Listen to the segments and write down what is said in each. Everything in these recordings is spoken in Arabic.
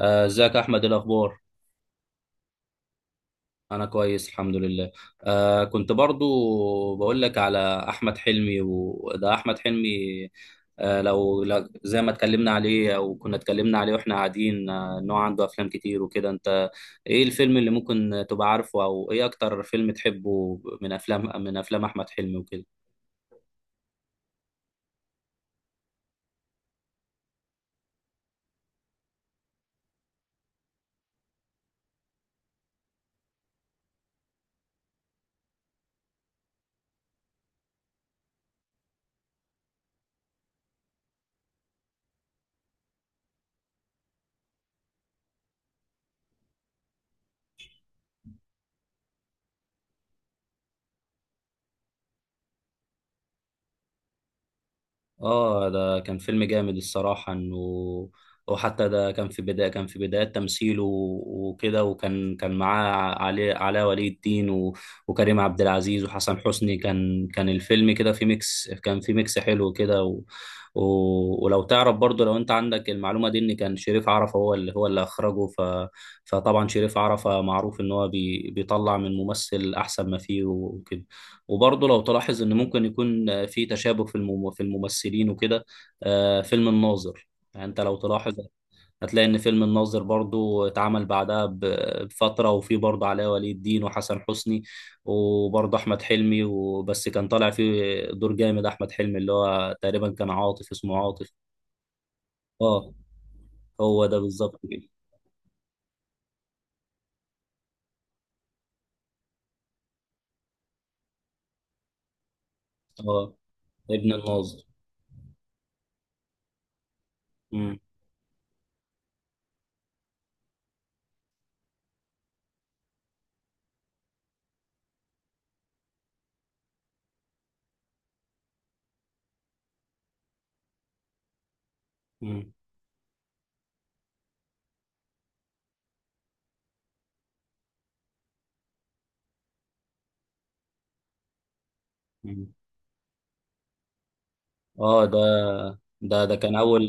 ازيك يا احمد؟ إيه الاخبار؟ انا كويس، الحمد لله. كنت برضو بقول لك على احمد حلمي. وده احمد حلمي. زي ما اتكلمنا عليه او كنا اتكلمنا عليه واحنا قاعدين، ان هو عنده افلام كتير وكده. انت ايه الفيلم اللي ممكن تبقى عارفه؟ او ايه اكتر فيلم تحبه من افلام احمد حلمي وكده؟ اه، ده كان فيلم جامد الصراحة، انه وحتى ده كان في بداية تمثيله وكده. وكان كان معاه علاء ولي الدين وكريم عبد العزيز وحسن حسني. كان الفيلم كده في ميكس، حلو كده. ولو تعرف برضو، لو انت عندك المعلومة دي، ان كان شريف عرفة هو اللي اخرجه. فطبعا شريف عرفة معروف ان هو بيطلع من ممثل احسن ما فيه وكده. وبرضه لو تلاحظ ان ممكن يكون في تشابه في الممثلين وكده. فيلم الناظر، يعني انت لو تلاحظ هتلاقي ان فيلم الناظر برضه اتعمل بعدها بفتره، وفي برضه علاء ولي الدين وحسن حسني وبرضه احمد حلمي. وبس كان طالع فيه دور جامد، احمد حلمي اللي هو تقريبا كان عاطف، اسمه عاطف. اه، هو ده بالظبط كده. اه، ابن الناظر. مم. مم. مم. اه، ده كان اول،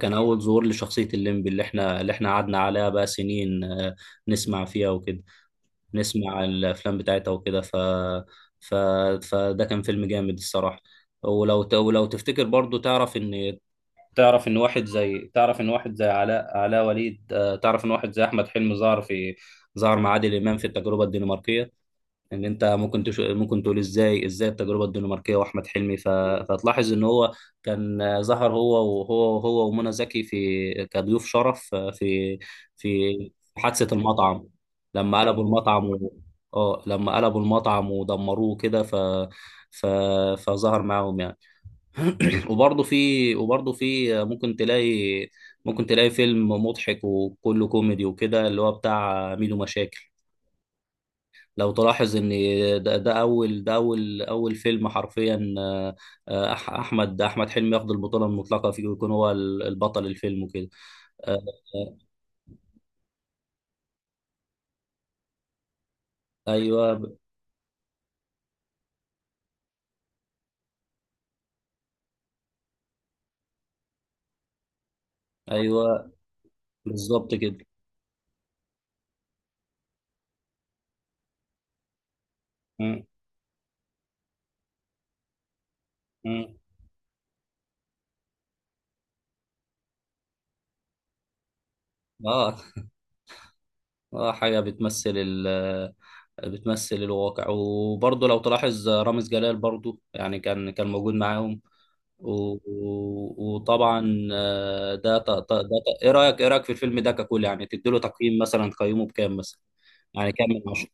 كان أول ظهور لشخصية الليمبي، اللي احنا قعدنا عليها بقى سنين. نسمع فيها وكده، نسمع الأفلام بتاعتها وكده. ف... فده كان فيلم جامد الصراحة. ولو تفتكر برضو، تعرف إن، تعرف إن واحد زي علاء علاء وليد آه، تعرف إن واحد زي أحمد حلمي ظهر مع عادل إمام في التجربة الدنماركية. ان انت ممكن تقول ازاي التجربه الدنماركيه واحمد حلمي؟ فتلاحظ ان هو كان ظهر هو ومنى زكي في كضيوف شرف في حادثه المطعم. لما قلبوا المطعم و... اه لما قلبوا المطعم ودمروه كده. ف... فظهر معاهم يعني. وبرضه في ممكن تلاقي فيلم مضحك وكله كوميدي وكده، اللي هو بتاع ميدو مشاكل. لو تلاحظ ان ده اول فيلم حرفيا، احمد حلمي ياخد البطوله المطلقه فيه، ويكون هو البطل الفيلم وكده. آه، آه، ايوه، ايوه، بالظبط كده. مم، مم. اه، اه، حاجه بتمثل الواقع. وبرضه لو تلاحظ رامز جلال برضه يعني كان موجود معاهم. وطبعا، آه، ده ت- ت- ده ت- ايه رايك في الفيلم ده ككل؟ يعني تديله تقييم مثلا، تقيمه بكام مثلا، يعني كام من 10؟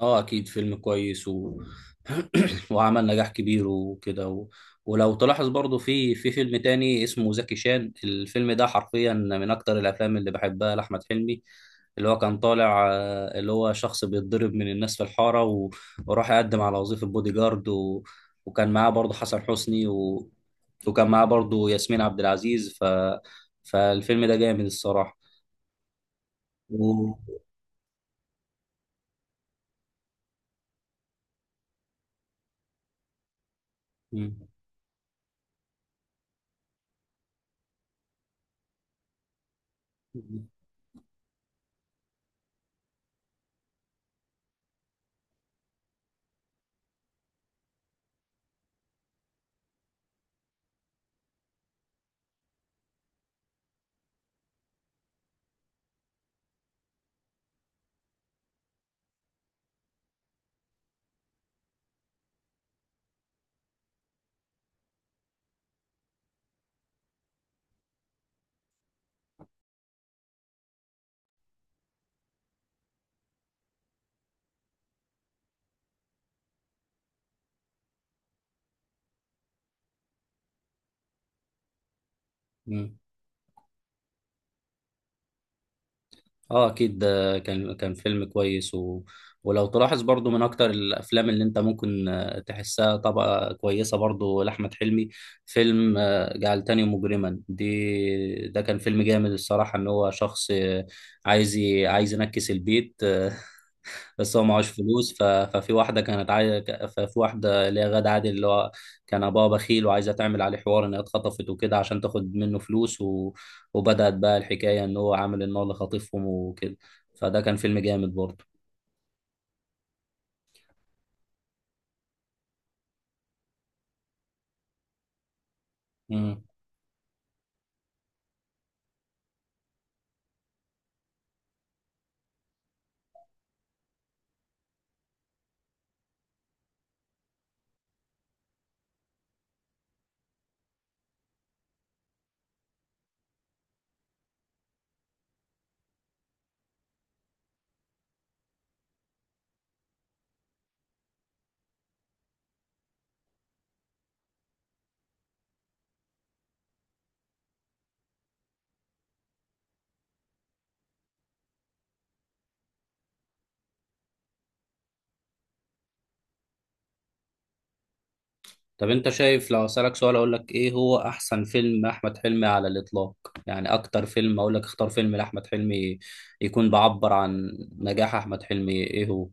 اه، اكيد فيلم كويس. و... وعمل نجاح كبير وكده. ولو تلاحظ برضو في فيلم تاني اسمه زكي شان. الفيلم ده حرفيا من اكتر الافلام اللي بحبها لاحمد حلمي، اللي هو كان طالع، اللي هو شخص بيتضرب من الناس في الحارة، وراح يقدم على وظيفة بودي جارد، وكان معاه برضو حسن حسني، وكان معاه برضو ياسمين عبد العزيز. فالفيلم ده جامد الصراحة. و... م- م- اه، اكيد ده كان فيلم كويس. ولو تلاحظ برضو من اكتر الافلام اللي انت ممكن تحسها طبقة كويسة برضو لاحمد حلمي، فيلم جعلتني مجرما دي. ده كان فيلم جامد الصراحة، ان هو شخص عايز ينكس البيت، بس هو معهوش فلوس. ف... ففي واحده كانت عايزه ك- ففي واحده اللي هي غادة عادل، اللي هو كان ابوها بخيل، وعايزه تعمل عليه حوار ان هي اتخطفت وكده عشان تاخد منه فلوس. وبدات بقى الحكايه ان هو عامل ان هو اللي خاطفهم وكده. فده كان فيلم جامد برضه. مم. طب انت شايف، لو اسالك سؤال، اقول لك ايه هو احسن فيلم احمد حلمي على الاطلاق؟ يعني اكتر فيلم، اقول لك اختار فيلم لاحمد حلمي يكون بعبر عن نجاح احمد حلمي، ايه هو؟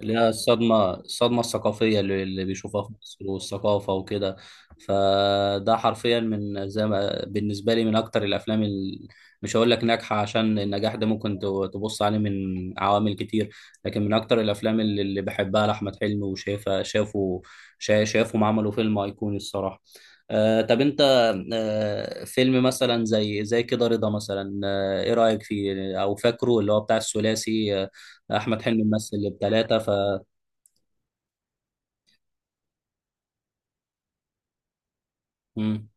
اللي هي الصدمة الثقافية اللي بيشوفها في مصر، والثقافة وكده. فده حرفيا، من زي ما بالنسبة لي، من أكتر الأفلام. مش هقول لك ناجحة، عشان النجاح ده ممكن تبص عليه من عوامل كتير، لكن من أكتر الأفلام اللي بحبها لأحمد حلمي وشايفها، شافهم عملوا فيلم أيقوني الصراحة. آه طب أنت آه فيلم مثلا زي كده رضا مثلا، إيه رأيك فيه؟ أو فاكره اللي هو بتاع الثلاثي؟ احمد حلمي مثل الثلاثه. مم.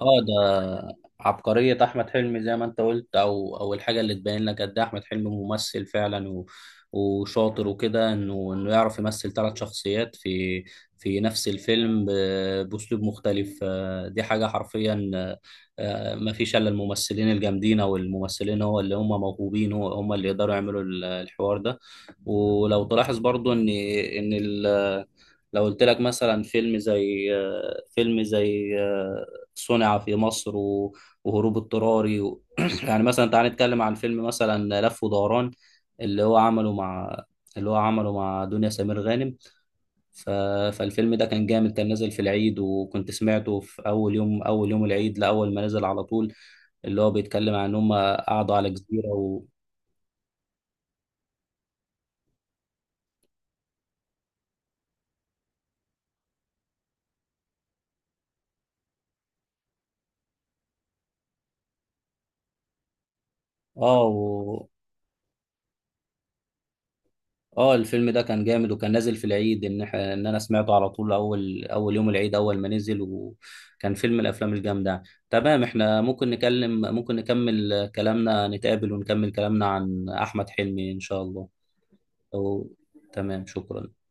اه، ده عبقريه احمد حلمي زي ما انت قلت، او الحاجه اللي تبين لك قد ايه احمد حلمي ممثل فعلا و... وشاطر وكده. انه يعرف يمثل ثلاث شخصيات في نفس الفيلم باسلوب مختلف. دي حاجه حرفيا، ما فيش الا الممثلين الجامدين او الممثلين هو اللي هم موهوبين، هو هم اللي يقدروا يعملوا الحوار ده. ولو تلاحظ برضو ان لو قلت لك مثلا، فيلم زي صنع في مصر، وهروب اضطراري. يعني مثلا تعال نتكلم عن فيلم مثلا لف ودوران، اللي هو عمله مع اللي هو عمله مع دنيا سمير غانم. ف... فالفيلم ده كان جامد، كان نازل في العيد، وكنت سمعته في اول يوم العيد، لاول ما نزل على طول. اللي هو بيتكلم عن ان هم قعدوا على جزيرة. اه، اه، الفيلم ده كان جامد، وكان نازل في العيد. ان انا سمعته على طول، اول يوم العيد، اول ما نزل، وكان فيلم من الافلام الجامده. تمام، احنا ممكن نكمل كلامنا. نتقابل ونكمل كلامنا عن احمد حلمي ان شاء الله. أو... تمام، شكرا.